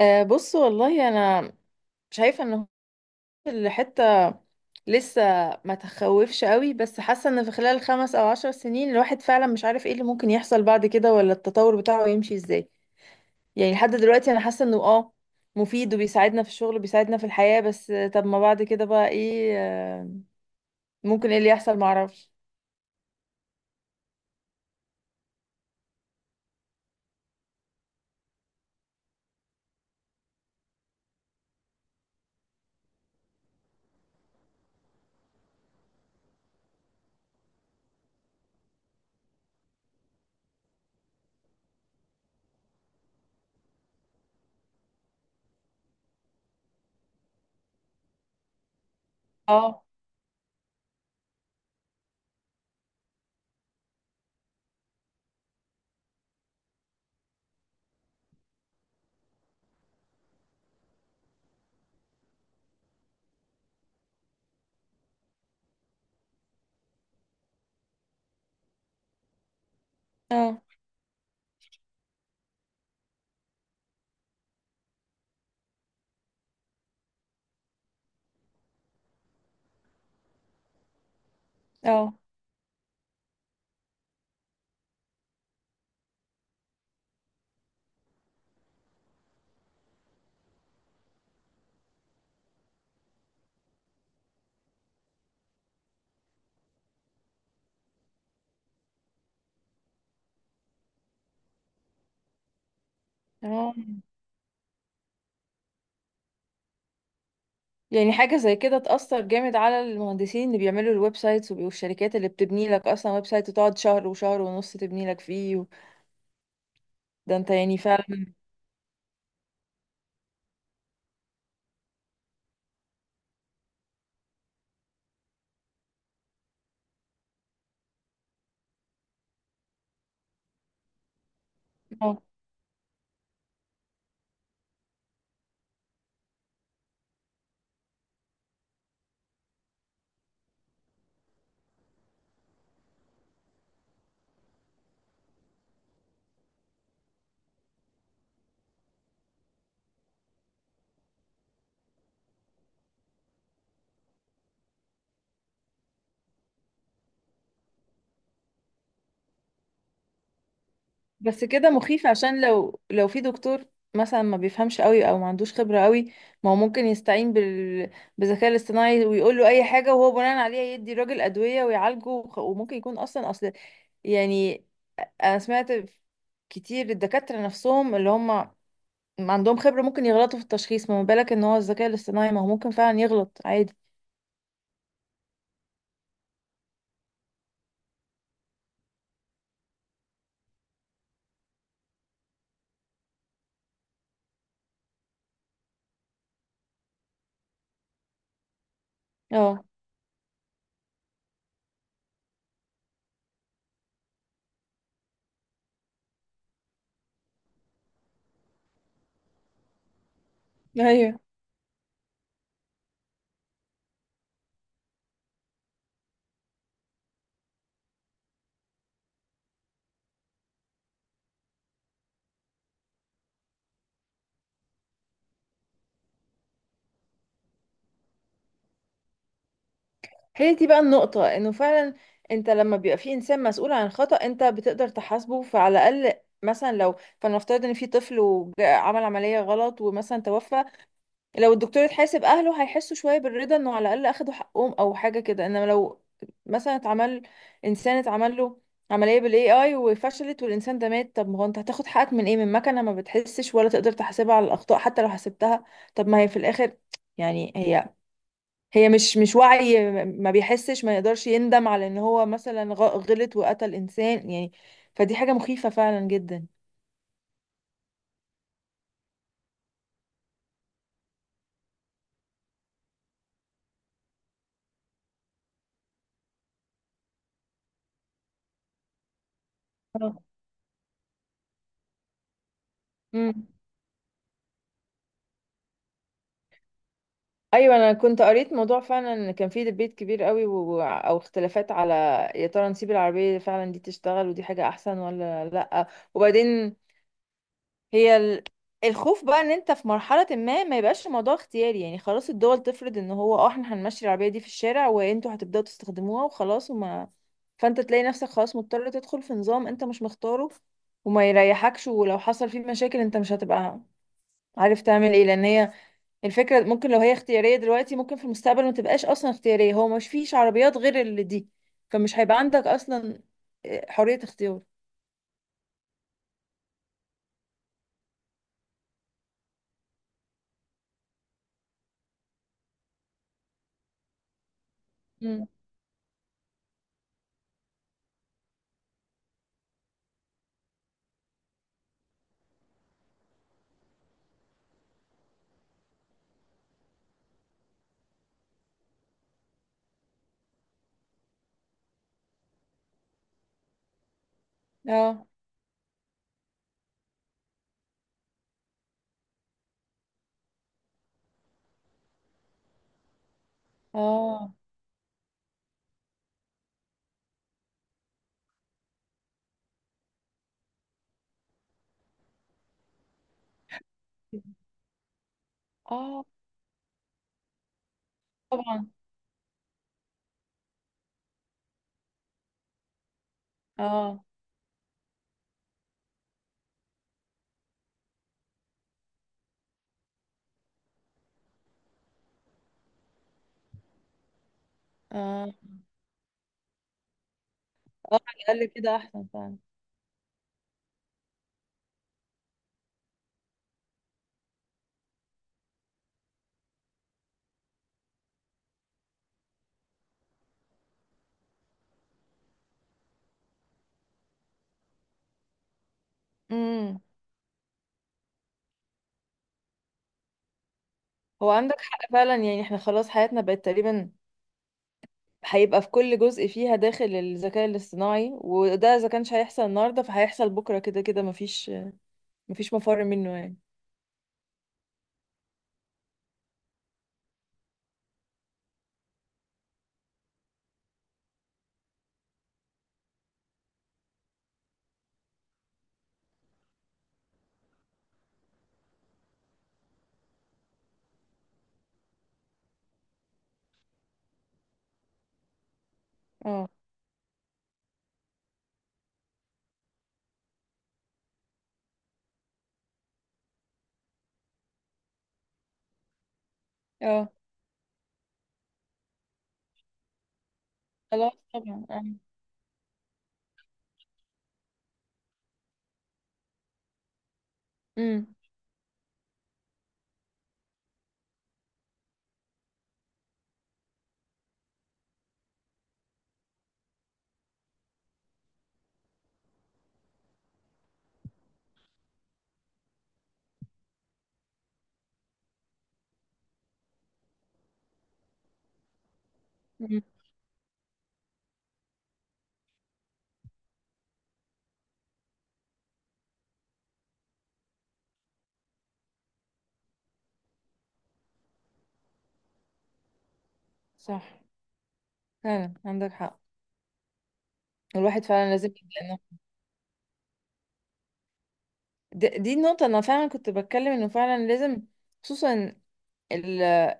أه، بص والله انا شايفه ان الحته لسه ما تخوفش قوي، بس حاسه ان في خلال 5 او 10 سنين الواحد فعلا مش عارف ايه اللي ممكن يحصل بعد كده، ولا التطور بتاعه يمشي ازاي. يعني لحد دلوقتي انا حاسه انه مفيد وبيساعدنا في الشغل وبيساعدنا في الحياه، بس طب ما بعد كده بقى ايه ممكن ايه اللي يحصل، معرفش. اه. اه. اه. اه. يعني حاجة زي كده تأثر جامد على المهندسين اللي بيعملوا الويب سايتس والشركات اللي بتبني لك أصلا ويب سايت وتقعد شهر وشهر ونص تبني لك فيه. ده انت يعني فعلا. اه، بس كده مخيف عشان لو في دكتور مثلا ما بيفهمش قوي او ما عندوش خبرة قوي، ما هو ممكن يستعين بالذكاء الاصطناعي ويقول له اي حاجة، وهو بناء عليها يدي الراجل أدوية ويعالجه، وممكن يكون اصلا يعني، انا سمعت كتير الدكاترة نفسهم اللي هم ما عندهم خبرة ممكن يغلطوا في التشخيص، ما بالك ان هو الذكاء الاصطناعي ما هو ممكن فعلا يغلط عادي. اه. ايوه، هي دي بقى النقطة، انه فعلا انت لما بيبقى في انسان مسؤول عن خطأ انت بتقدر تحاسبه، فعلى الاقل مثلا لو، فلنفترض ان في طفل وعمل عملية غلط ومثلا توفى، لو الدكتور اتحاسب اهله هيحسوا شويه بالرضا انه على الاقل اخدوا حقهم او حاجه كده. انما لو مثلا اتعمل انسان، اتعمل له عمليه بالاي اي وفشلت والانسان ده مات، طب ما هو انت هتاخد حقك من ايه، من مكنه ما بتحسش ولا تقدر تحاسبها على الاخطاء، حتى لو حسبتها. طب ما هي في الاخر، يعني هي مش وعي، ما بيحسش، ما يقدرش يندم على ان هو مثلا غلط وقتل انسان يعني. فدي حاجه مخيفه فعلا جدا. آه. مم. ايوه انا كنت قريت موضوع فعلا ان كان فيه ديبيت كبير قوي او اختلافات على، يا ترى نسيب العربيه فعلا دي تشتغل ودي حاجه احسن ولا لا؟ وبعدين هي ال... الخوف بقى ان انت في مرحله ما، ما يبقاش الموضوع اختياري، يعني خلاص الدول تفرض ان هو، احنا هنمشي العربيه دي في الشارع وانتوا هتبداوا تستخدموها وخلاص، وما فانت تلاقي نفسك خلاص مضطر تدخل في نظام انت مش مختاره وما يريحكش، ولو حصل فيه مشاكل انت مش هتبقى عارف تعمل ايه، لان هي الفكرة، ممكن لو هي اختيارية دلوقتي ممكن في المستقبل ما تبقاش أصلا اختيارية، هو مش فيش عربيات غير اللي دي، فمش هيبقى عندك أصلا حرية اختيار. مم. اه. اه. اه. طبعا. اه. اه. اه. على الأقل كده أحسن فعلا. امم. هو عندك حق فعلا، يعني احنا خلاص حياتنا بقت تقريبا هيبقى في كل جزء فيها داخل الذكاء الاصطناعي، وده إذا كانش هيحصل النهاردة فهيحصل بكرة، كده كده مفيش مفر منه يعني. اه. اه. خلاص طبعا. اه. امم. مم. صح، فعلا عندك حق، الواحد فعلا لازم يبدأ. دي النقطة، أنا فعلا كنت بتكلم إنه فعلا لازم، خصوصا ال-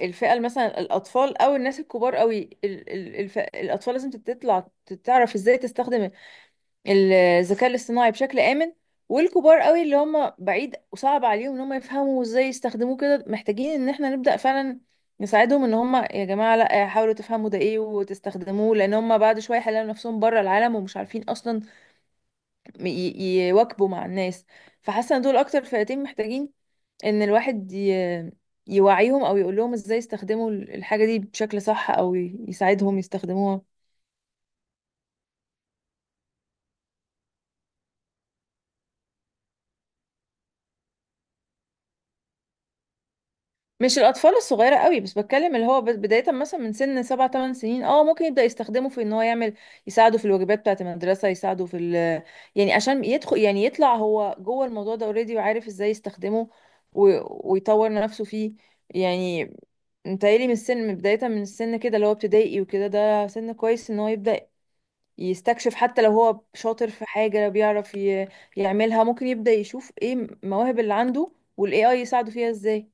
الفئة مثلا الأطفال أو الناس الكبار قوي، الأطفال لازم تطلع تعرف إزاي تستخدم الذكاء الاصطناعي بشكل آمن، والكبار قوي اللي هم بعيد وصعب عليهم إن هم يفهموا إزاي يستخدموه كده، محتاجين إن إحنا نبدأ فعلا نساعدهم، ان هم يا جماعه لا، حاولوا تفهموا ده ايه وتستخدموه، لان هم بعد شويه هيلاقوا نفسهم بره العالم ومش عارفين اصلا م- ي- يواكبوا مع الناس. فحاسه ان دول اكتر فئتين محتاجين ان الواحد يوعيهم او يقول لهم ازاي يستخدموا الحاجه دي بشكل صح، او يساعدهم يستخدموها. مش الاطفال الصغيره قوي بس، بتكلم اللي هو بدايه مثلا من سن 7 8 سنين، ممكن يبدا يستخدمه في ان هو يعمل، يساعده في الواجبات بتاعه المدرسه، يعني عشان يدخل، يعني يطلع هو جوه الموضوع ده اوريدي وعارف ازاي يستخدمه و... ويطور نفسه فيه. يعني متهيألي من السن، بداية من السن كده اللي هو ابتدائي وكده، ده سن كويس ان هو يبدأ يستكشف، حتى لو هو شاطر في حاجة بيعرف يعملها، ممكن يبدأ يشوف ايه المواهب اللي عنده والاي اي يساعده فيها ازاي.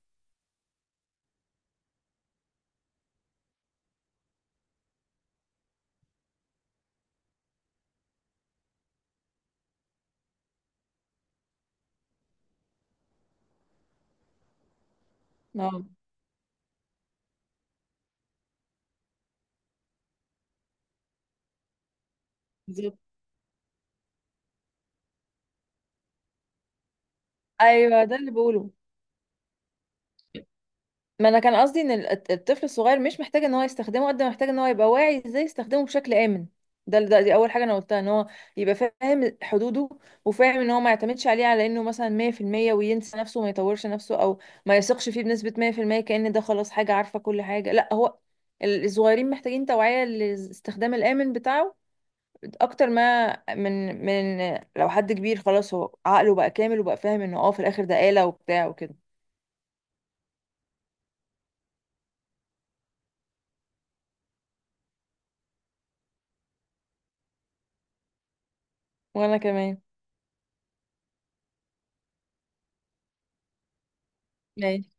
اه، بالظبط. ايوه ده اللي بقوله، ما انا كان قصدي ان الطفل الصغير مش محتاج ان هو يستخدمه قد ما محتاج ان هو يبقى واعي ازاي يستخدمه بشكل امن. ده ده دي اول حاجه انا قلتها، ان هو يبقى فاهم حدوده وفاهم ان هو ما يعتمدش عليه على انه مثلا 100% وينسى نفسه وما يطورش نفسه، او ما يثقش فيه بنسبه 100% كأن ده خلاص حاجه عارفه كل حاجه. لا، هو الصغيرين محتاجين توعيه للاستخدام الامن بتاعه اكتر ما من لو حد كبير خلاص هو عقله بقى كامل وبقى فاهم انه في الاخر ده آلة وبتاع وكده. وانا كمان. ماشي.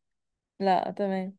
لا، تمام.